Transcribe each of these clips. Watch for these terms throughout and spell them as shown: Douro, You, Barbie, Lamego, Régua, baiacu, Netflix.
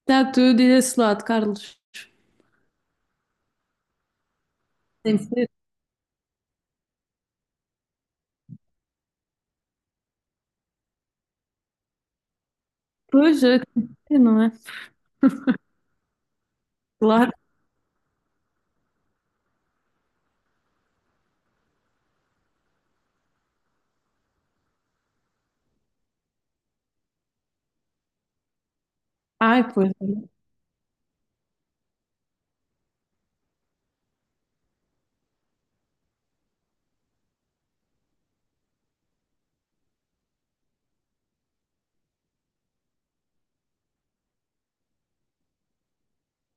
Está tudo e desse lado, Carlos. Tem que ser. Pois, é, tem que ser, não é? Claro. Ai, pois.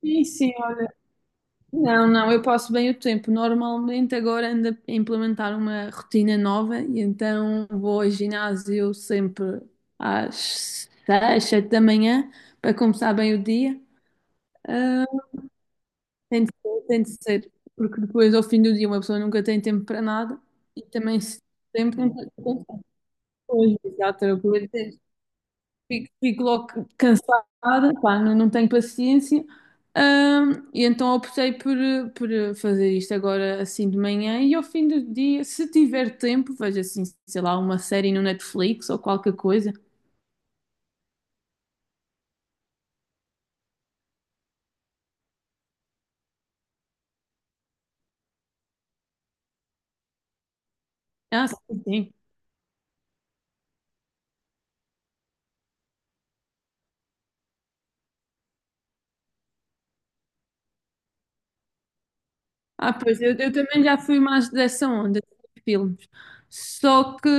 Sim, sim, olha. Não, não, eu passo bem o tempo. Normalmente agora ando a implementar uma rotina nova e então vou ao ginásio sempre às seis, sete da manhã para começar bem o dia. Ah, tem de ser, porque depois ao fim do dia uma pessoa nunca tem tempo para nada e também se tem tempo não tem tempo para coisas. Exato. Fico logo cansada, pá, não, não tenho paciência. E então optei por fazer isto agora assim de manhã e ao fim do dia, se tiver tempo, vejo assim, sei lá, uma série no Netflix ou qualquer coisa. Ah, sim, sim. Ah, pois eu também já fui mais dessa onda de filmes. Só que,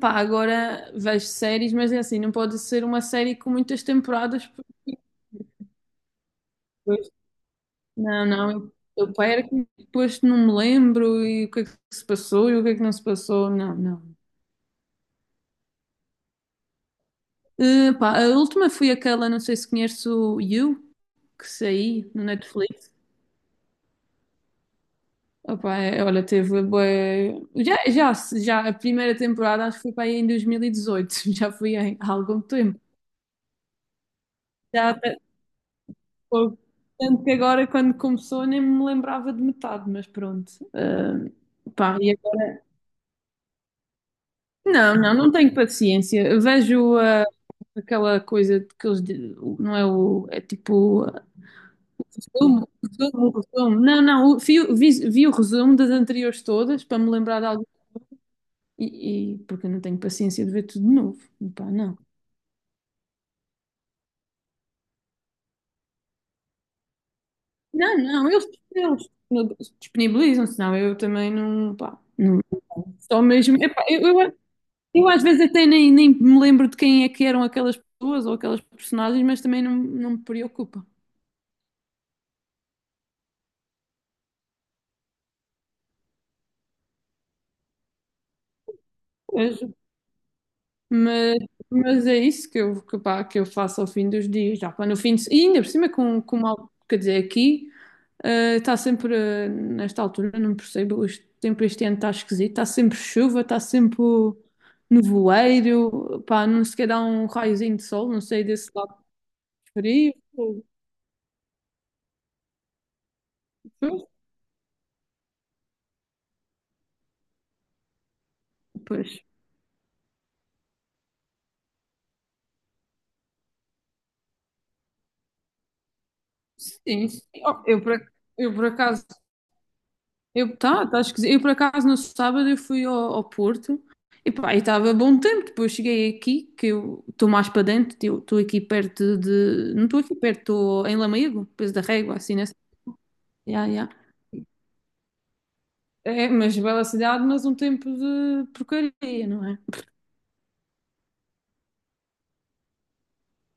pá, agora vejo séries, mas é assim, não pode ser uma série com muitas temporadas. Não, não. O pai era que depois não me lembro e o que é que se passou e o que é que não se passou. Não, não. Pá, a última foi aquela, não sei se conheces o You, que saiu no Netflix. Opa, é, olha, já a primeira temporada acho que foi para aí em 2018, já foi há algum tempo. Já, até- Pô, tanto que agora quando começou nem me lembrava de metade, mas pronto. Pá, não, não, não tenho paciência. Eu vejo, aquela coisa de que eles. Di- Não é o. É tipo. Resumo. Não, não. Vi o resumo das anteriores todas para me lembrar de algo. E, Porque eu não tenho paciência de ver tudo de novo. Pá, não. Não, não. Eles disponibilizam-se, não. Eu também não. Pá, não. Só mesmo. Epá, eu às vezes até nem me lembro de quem é que eram aquelas pessoas ou aquelas personagens, mas também não, não me preocupa. Mas, mas é isso que eu, pá, que eu faço ao fim dos dias, já pá, no fim de, e ainda por cima com mal, quer dizer, aqui está sempre, nesta altura, não percebo, este tempo este ano está esquisito, está sempre chuva, está sempre nevoeiro, pá, não sequer dá um raiozinho de sol, não sei, desse lado frio, pois, pois, sim, sim. Oh, eu por acaso eu, tá esquisito. Eu, por acaso, no sábado eu fui ao, ao Porto e pá, estava bom tempo. Depois cheguei aqui, que eu estou mais para dentro, eu estou aqui perto de... Não estou aqui perto, estou em Lamego, depois da Régua, assim, nessa... Ya, ya. É, mas bela cidade, mas um tempo de porcaria, não é?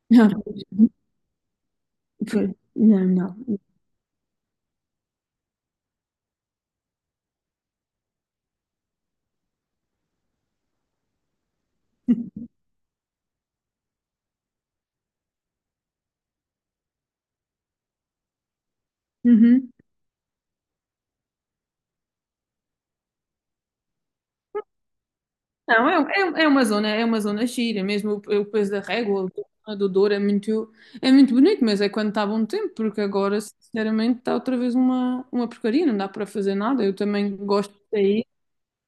Não, não, não. Uhum. Não, é, é uma zona, é uma zona gira, mesmo o Peso da Régua, a do Douro é muito bonito, mas é quando está bom tempo, porque agora, sinceramente, está outra vez uma porcaria, não dá para fazer nada. Eu também gosto de sair,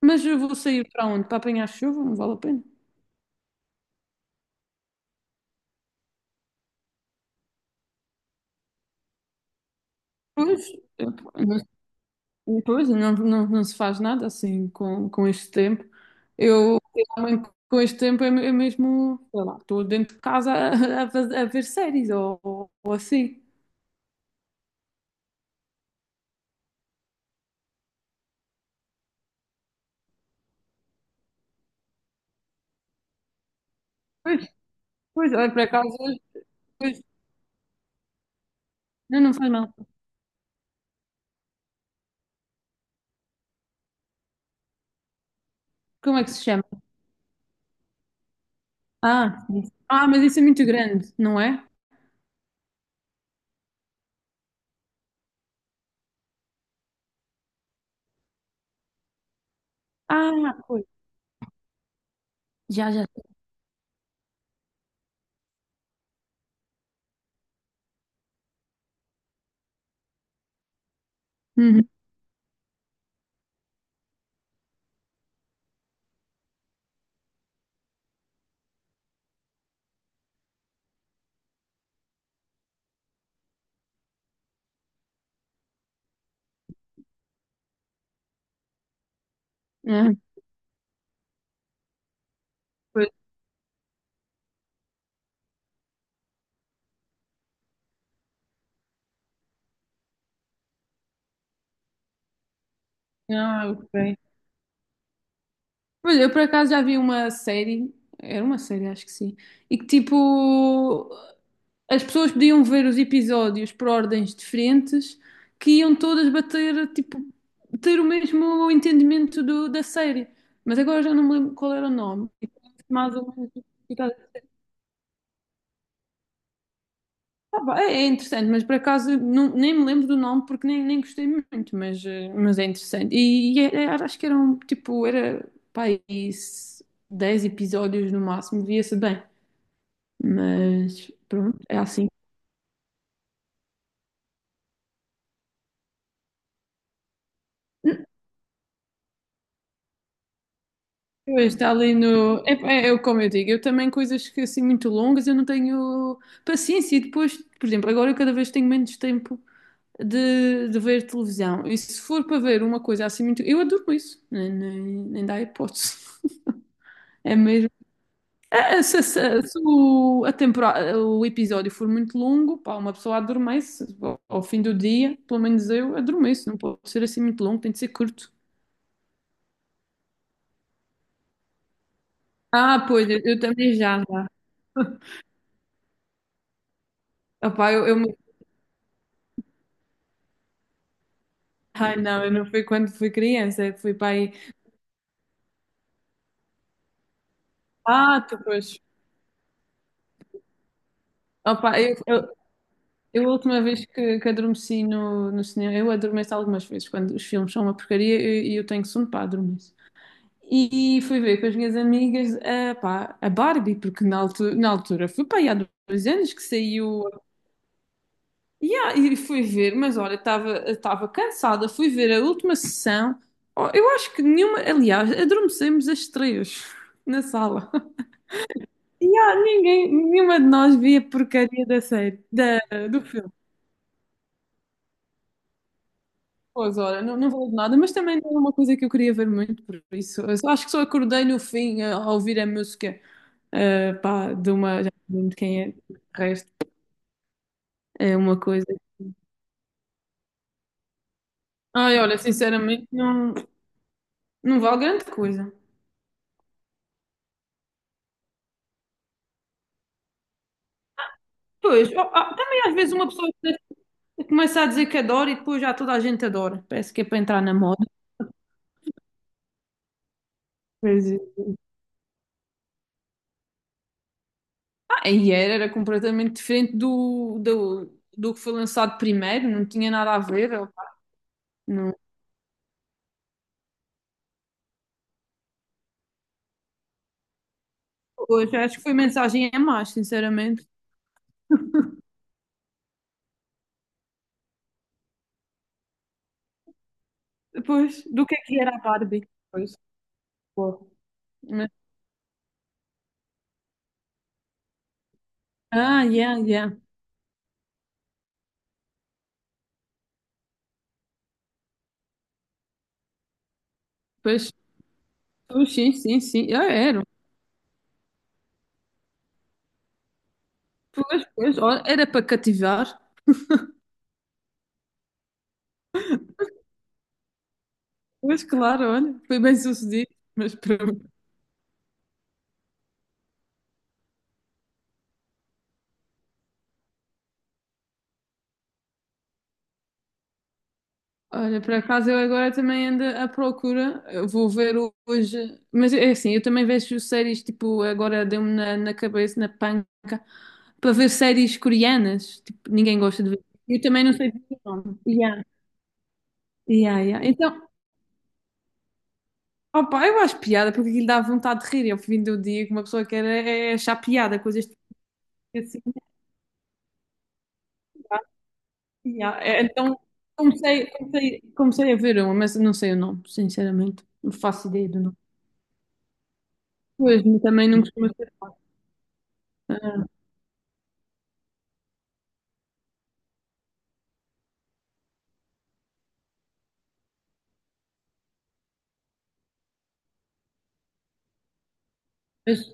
mas eu vou sair para onde? Para apanhar chuva? Não vale a pena. Pois, eu- não, pois, não, não, não se faz nada assim com este tempo. Eu, realmente, com este tempo, é mesmo, sei lá, estou dentro de casa a ver séries ou, ou assim. Pois, pois, olha, por acaso. Pois, não, não faz mal. Como é que se chama? Ah, isso. Mas isso é muito grande, não é? Ah, pois. Já, já. Uhum. Ah, pois. Ah, ok. Pois, eu por acaso já vi uma série, era uma série, acho que sim, e que tipo, as pessoas podiam ver os episódios por ordens diferentes, que iam todas bater, tipo, ter o mesmo entendimento do- da série. Mas agora já não me lembro qual era o nome. Tipo, mais ou menos. Ah, pá, é interessante, mas por acaso nem me lembro do nome porque nem, nem gostei muito, mas, mas é interessante. Acho que eram tipo, era pá, isso, 10 episódios no máximo, via-se bem. Mas pronto, é assim. Pois, está ali no. É como eu digo, eu também coisas que assim muito longas eu não tenho paciência. E depois, por exemplo, agora eu cada vez tenho menos tempo de ver televisão. E se for para ver uma coisa assim muito. Eu adoro isso, nem dá hipótese. É mesmo. Ah, se o, a temporada, o episódio for muito longo, pá, uma pessoa adormece ao, ao fim do dia, pelo menos eu adormeço, não pode ser assim muito longo, tem de ser curto. Ah, pois, eu também já, já. Opá, Ai, não, eu não fui quando fui criança, fui para aí. Ah, depois, pois. Opá, eu a última vez que adormeci no, no cinema, eu adormeço algumas vezes, quando os filmes são uma porcaria e eu tenho sono para adormecer. E fui ver com as minhas amigas a, pá, a Barbie, porque na altura foi pá, aí há 2 anos que saiu. E, ah, e fui ver, mas olha, estava cansada. Fui ver a última sessão. Oh, eu acho que nenhuma, aliás, adormecemos as três na sala. E ah, ninguém, nenhuma de nós via porcaria da série, da, do filme. Pois olha, não, não valeu de nada, mas também não é uma coisa que eu queria ver muito, por isso, acho que só acordei no fim a ouvir a música. Pá, de uma, já não lembro de quem é, de resto, é uma coisa. Ai, olha, sinceramente, não, não vale grande coisa. Pois, ó, também às vezes uma pessoa começa a dizer que adora e depois já toda a gente adora. Parece que é para entrar na moda. Pois é. Ah, e era, era completamente diferente do, do que foi lançado primeiro, não tinha nada a ver. Ó, pá, não. Pois, acho que foi mensagem a mais, sinceramente. Pois, do que é que era a Barbie? Pois, pô. Mas- Ah, yeah, yeah. Pois. Pois, sim, sim, sim. Ah, era. Pois, pois, olha, era para cativar. Pois, claro, olha, foi bem sucedido. Mas pronto. Olha, por acaso eu agora também ando à procura. Eu vou ver hoje. Mas é assim, eu também vejo séries, tipo, agora deu-me na, na cabeça, na panca, para ver séries coreanas. Tipo, ninguém gosta de ver. Eu também não sei dizer o nome. Yeah. Yeah, yeah. Então, opa, eu acho piada porque aquilo dá vontade de rir. Ao fim do dia, que uma pessoa quer é, é achar piada, coisas assim. Yeah, é- Então comecei a ver uma, mas não sei o nome, sinceramente. Não faço ideia do nome. Pois, mas também não costumo ser fácil. Mas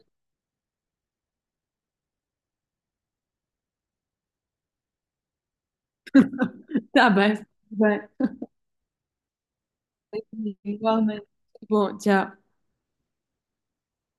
está bem, tá bem. Igualmente. Bom, tchau.